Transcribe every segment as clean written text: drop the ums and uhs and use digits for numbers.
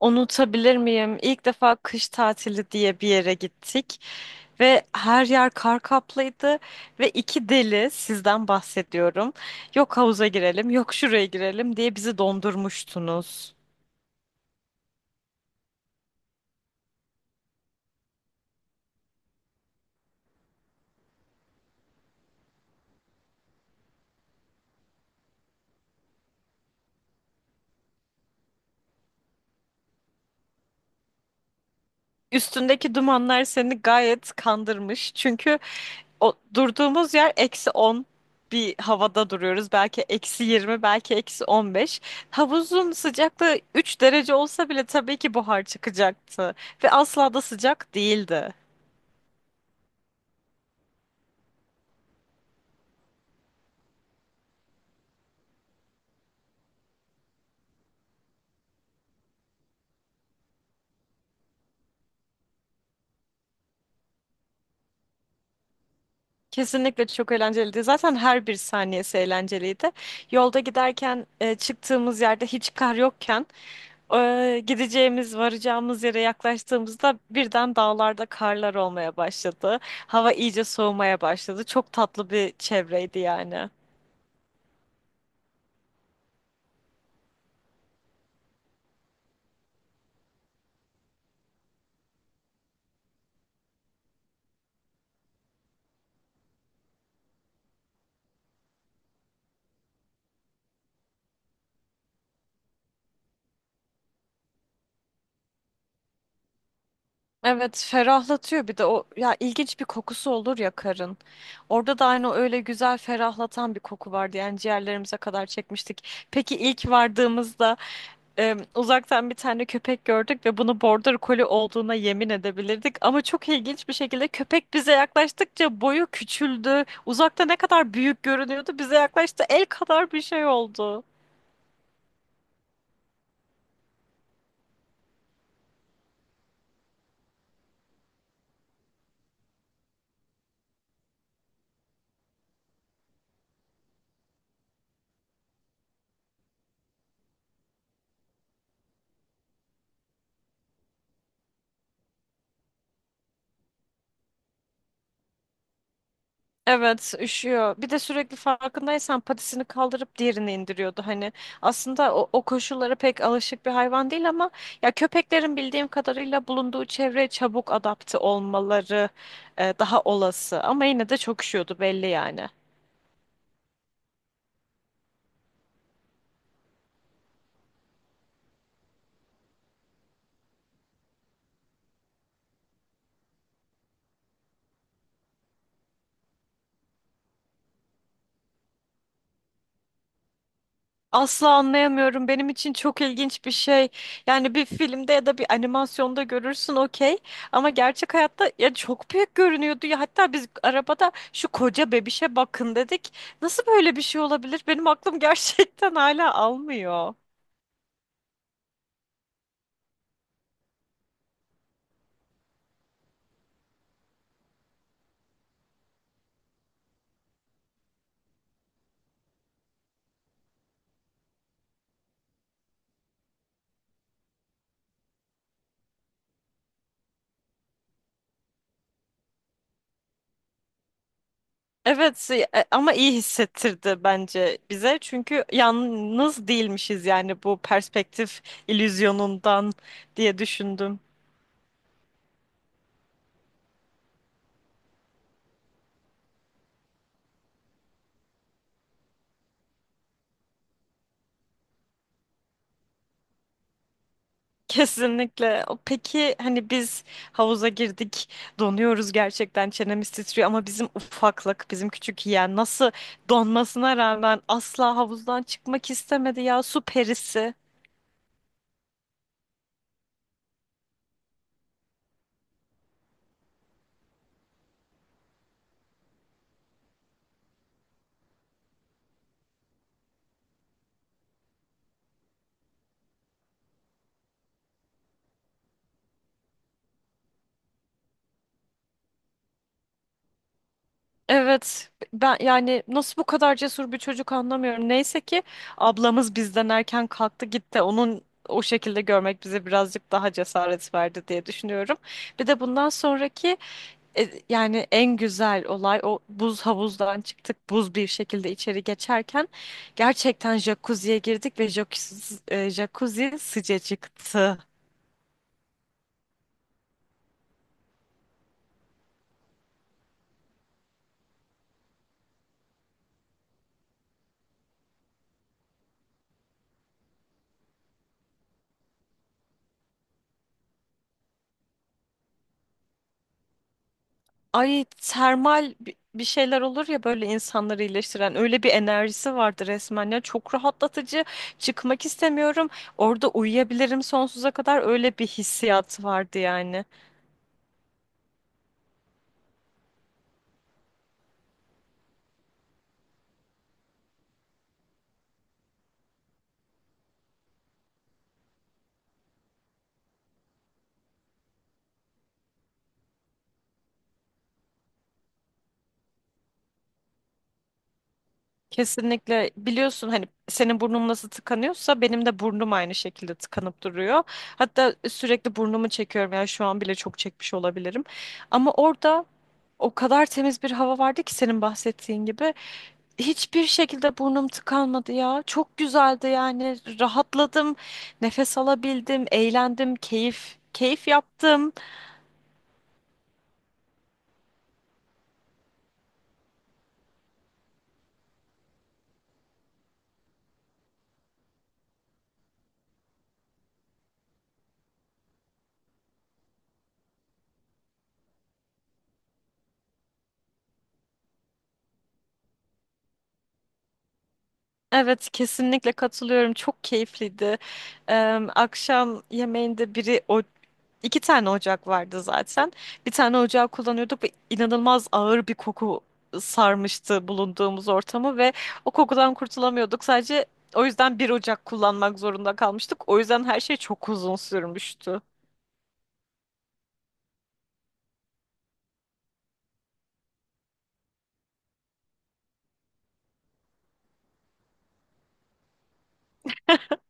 Unutabilir miyim? İlk defa kış tatili diye bir yere gittik ve her yer kar kaplıydı ve iki deli sizden bahsediyorum. Yok havuza girelim, yok şuraya girelim diye bizi dondurmuştunuz. Üstündeki dumanlar seni gayet kandırmış. Çünkü o durduğumuz yer -11 havada duruyoruz. Belki -20, belki -15. Havuzun sıcaklığı 3 derece olsa bile tabii ki buhar çıkacaktı. Ve asla da sıcak değildi. Kesinlikle çok eğlenceliydi. Zaten her bir saniyesi eğlenceliydi. Yolda giderken çıktığımız yerde hiç kar yokken gideceğimiz, varacağımız yere yaklaştığımızda birden dağlarda karlar olmaya başladı. Hava iyice soğumaya başladı. Çok tatlı bir çevreydi yani. Evet, ferahlatıyor bir de o ya, ilginç bir kokusu olur ya karın. Orada da aynı öyle güzel ferahlatan bir koku vardı. Yani ciğerlerimize kadar çekmiştik. Peki ilk vardığımızda uzaktan bir tane köpek gördük ve bunu border collie olduğuna yemin edebilirdik. Ama çok ilginç bir şekilde köpek bize yaklaştıkça boyu küçüldü. Uzakta ne kadar büyük görünüyordu, bize yaklaştı el kadar bir şey oldu. Evet, üşüyor. Bir de sürekli farkındaysan patisini kaldırıp diğerini indiriyordu. Hani aslında o koşullara pek alışık bir hayvan değil, ama ya köpeklerin bildiğim kadarıyla bulunduğu çevreye çabuk adapte olmaları daha olası. Ama yine de çok üşüyordu belli yani. Asla anlayamıyorum. Benim için çok ilginç bir şey. Yani bir filmde ya da bir animasyonda görürsün, okey. Ama gerçek hayatta ya çok büyük görünüyordu ya. Hatta biz arabada şu koca bebişe bakın dedik. Nasıl böyle bir şey olabilir? Benim aklım gerçekten hala almıyor. Ama iyi hissettirdi bence bize. Çünkü yalnız değilmişiz yani, bu perspektif illüzyonundan diye düşündüm. Kesinlikle. Peki hani biz havuza girdik, donuyoruz gerçekten, çenemiz titriyor, ama bizim ufaklık, bizim küçük yeğen nasıl donmasına rağmen asla havuzdan çıkmak istemedi ya, su perisi. Evet, ben yani nasıl bu kadar cesur bir çocuk anlamıyorum. Neyse ki ablamız bizden erken kalktı gitti. Onun o şekilde görmek bize birazcık daha cesaret verdi diye düşünüyorum. Bir de bundan sonraki, yani en güzel olay, o buz havuzdan çıktık buz bir şekilde içeri geçerken gerçekten jacuzziye girdik ve jacuzzi sıcacıktı. Ay, termal bir şeyler olur ya böyle, insanları iyileştiren öyle bir enerjisi vardı resmen ya, çok rahatlatıcı, çıkmak istemiyorum, orada uyuyabilirim sonsuza kadar, öyle bir hissiyat vardı yani. Kesinlikle biliyorsun hani, senin burnun nasıl tıkanıyorsa benim de burnum aynı şekilde tıkanıp duruyor. Hatta sürekli burnumu çekiyorum, yani şu an bile çok çekmiş olabilirim. Ama orada o kadar temiz bir hava vardı ki, senin bahsettiğin gibi. Hiçbir şekilde burnum tıkanmadı ya. Çok güzeldi yani, rahatladım, nefes alabildim, eğlendim, keyif keyif yaptım. Evet, kesinlikle katılıyorum. Çok keyifliydi. Akşam yemeğinde biri o İki tane ocak vardı zaten. Bir tane ocağı kullanıyorduk ve inanılmaz ağır bir koku sarmıştı bulunduğumuz ortamı ve o kokudan kurtulamıyorduk. Sadece o yüzden bir ocak kullanmak zorunda kalmıştık. O yüzden her şey çok uzun sürmüştü.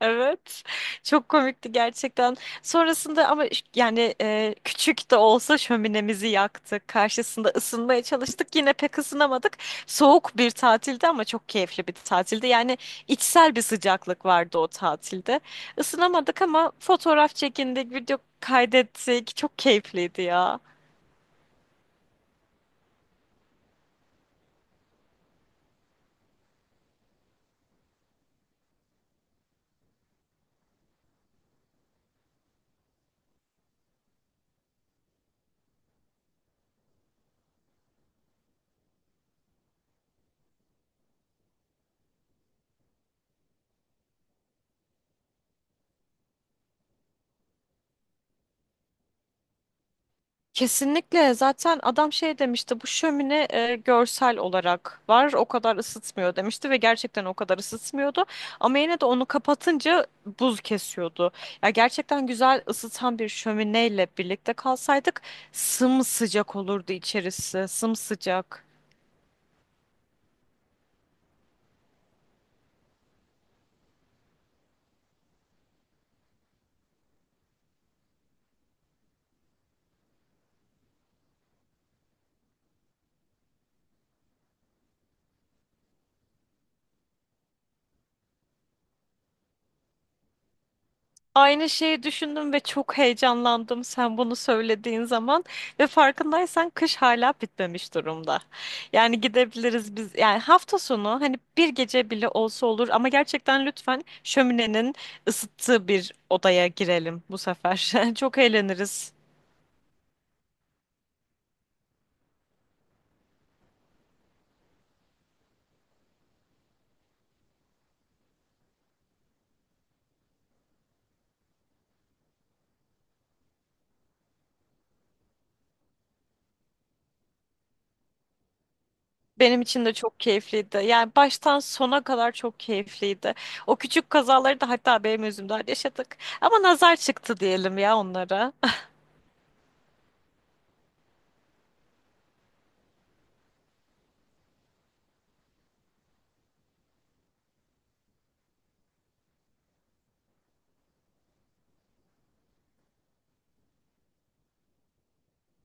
Evet. Çok komikti gerçekten. Sonrasında ama yani, küçük de olsa şöminemizi yaktık. Karşısında ısınmaya çalıştık. Yine pek ısınamadık. Soğuk bir tatildi ama çok keyifli bir tatildi. Yani içsel bir sıcaklık vardı o tatilde. Isınamadık ama fotoğraf çekindik, video kaydettik. Çok keyifliydi ya. Kesinlikle, zaten adam şey demişti, bu şömine görsel olarak var, o kadar ısıtmıyor demişti ve gerçekten o kadar ısıtmıyordu, ama yine de onu kapatınca buz kesiyordu. Ya gerçekten güzel ısıtan bir şömineyle birlikte kalsaydık sımsıcak olurdu içerisi, sımsıcak. Aynı şeyi düşündüm ve çok heyecanlandım sen bunu söylediğin zaman ve farkındaysan kış hala bitmemiş durumda. Yani gidebiliriz biz yani, hafta sonu hani bir gece bile olsa olur, ama gerçekten lütfen şöminenin ısıttığı bir odaya girelim bu sefer. Çok eğleniriz. Benim için de çok keyifliydi. Yani baştan sona kadar çok keyifliydi. O küçük kazaları da hatta benim yüzümden yaşadık. Ama nazar çıktı diyelim ya onlara.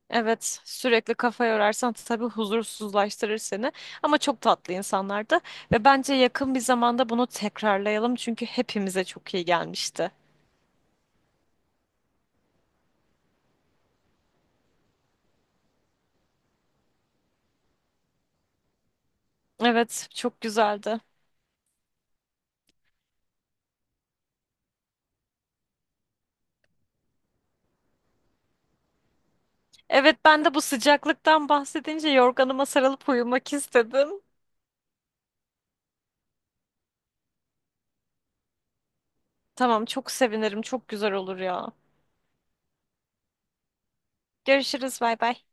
Evet, sürekli kafa yorarsan tabii huzursuzlaştırır seni. Ama çok tatlı insanlardı ve bence yakın bir zamanda bunu tekrarlayalım, çünkü hepimize çok iyi gelmişti. Evet, çok güzeldi. Evet, ben de bu sıcaklıktan bahsedince yorganıma sarılıp uyumak istedim. Tamam, çok sevinirim. Çok güzel olur ya. Görüşürüz, bay bay.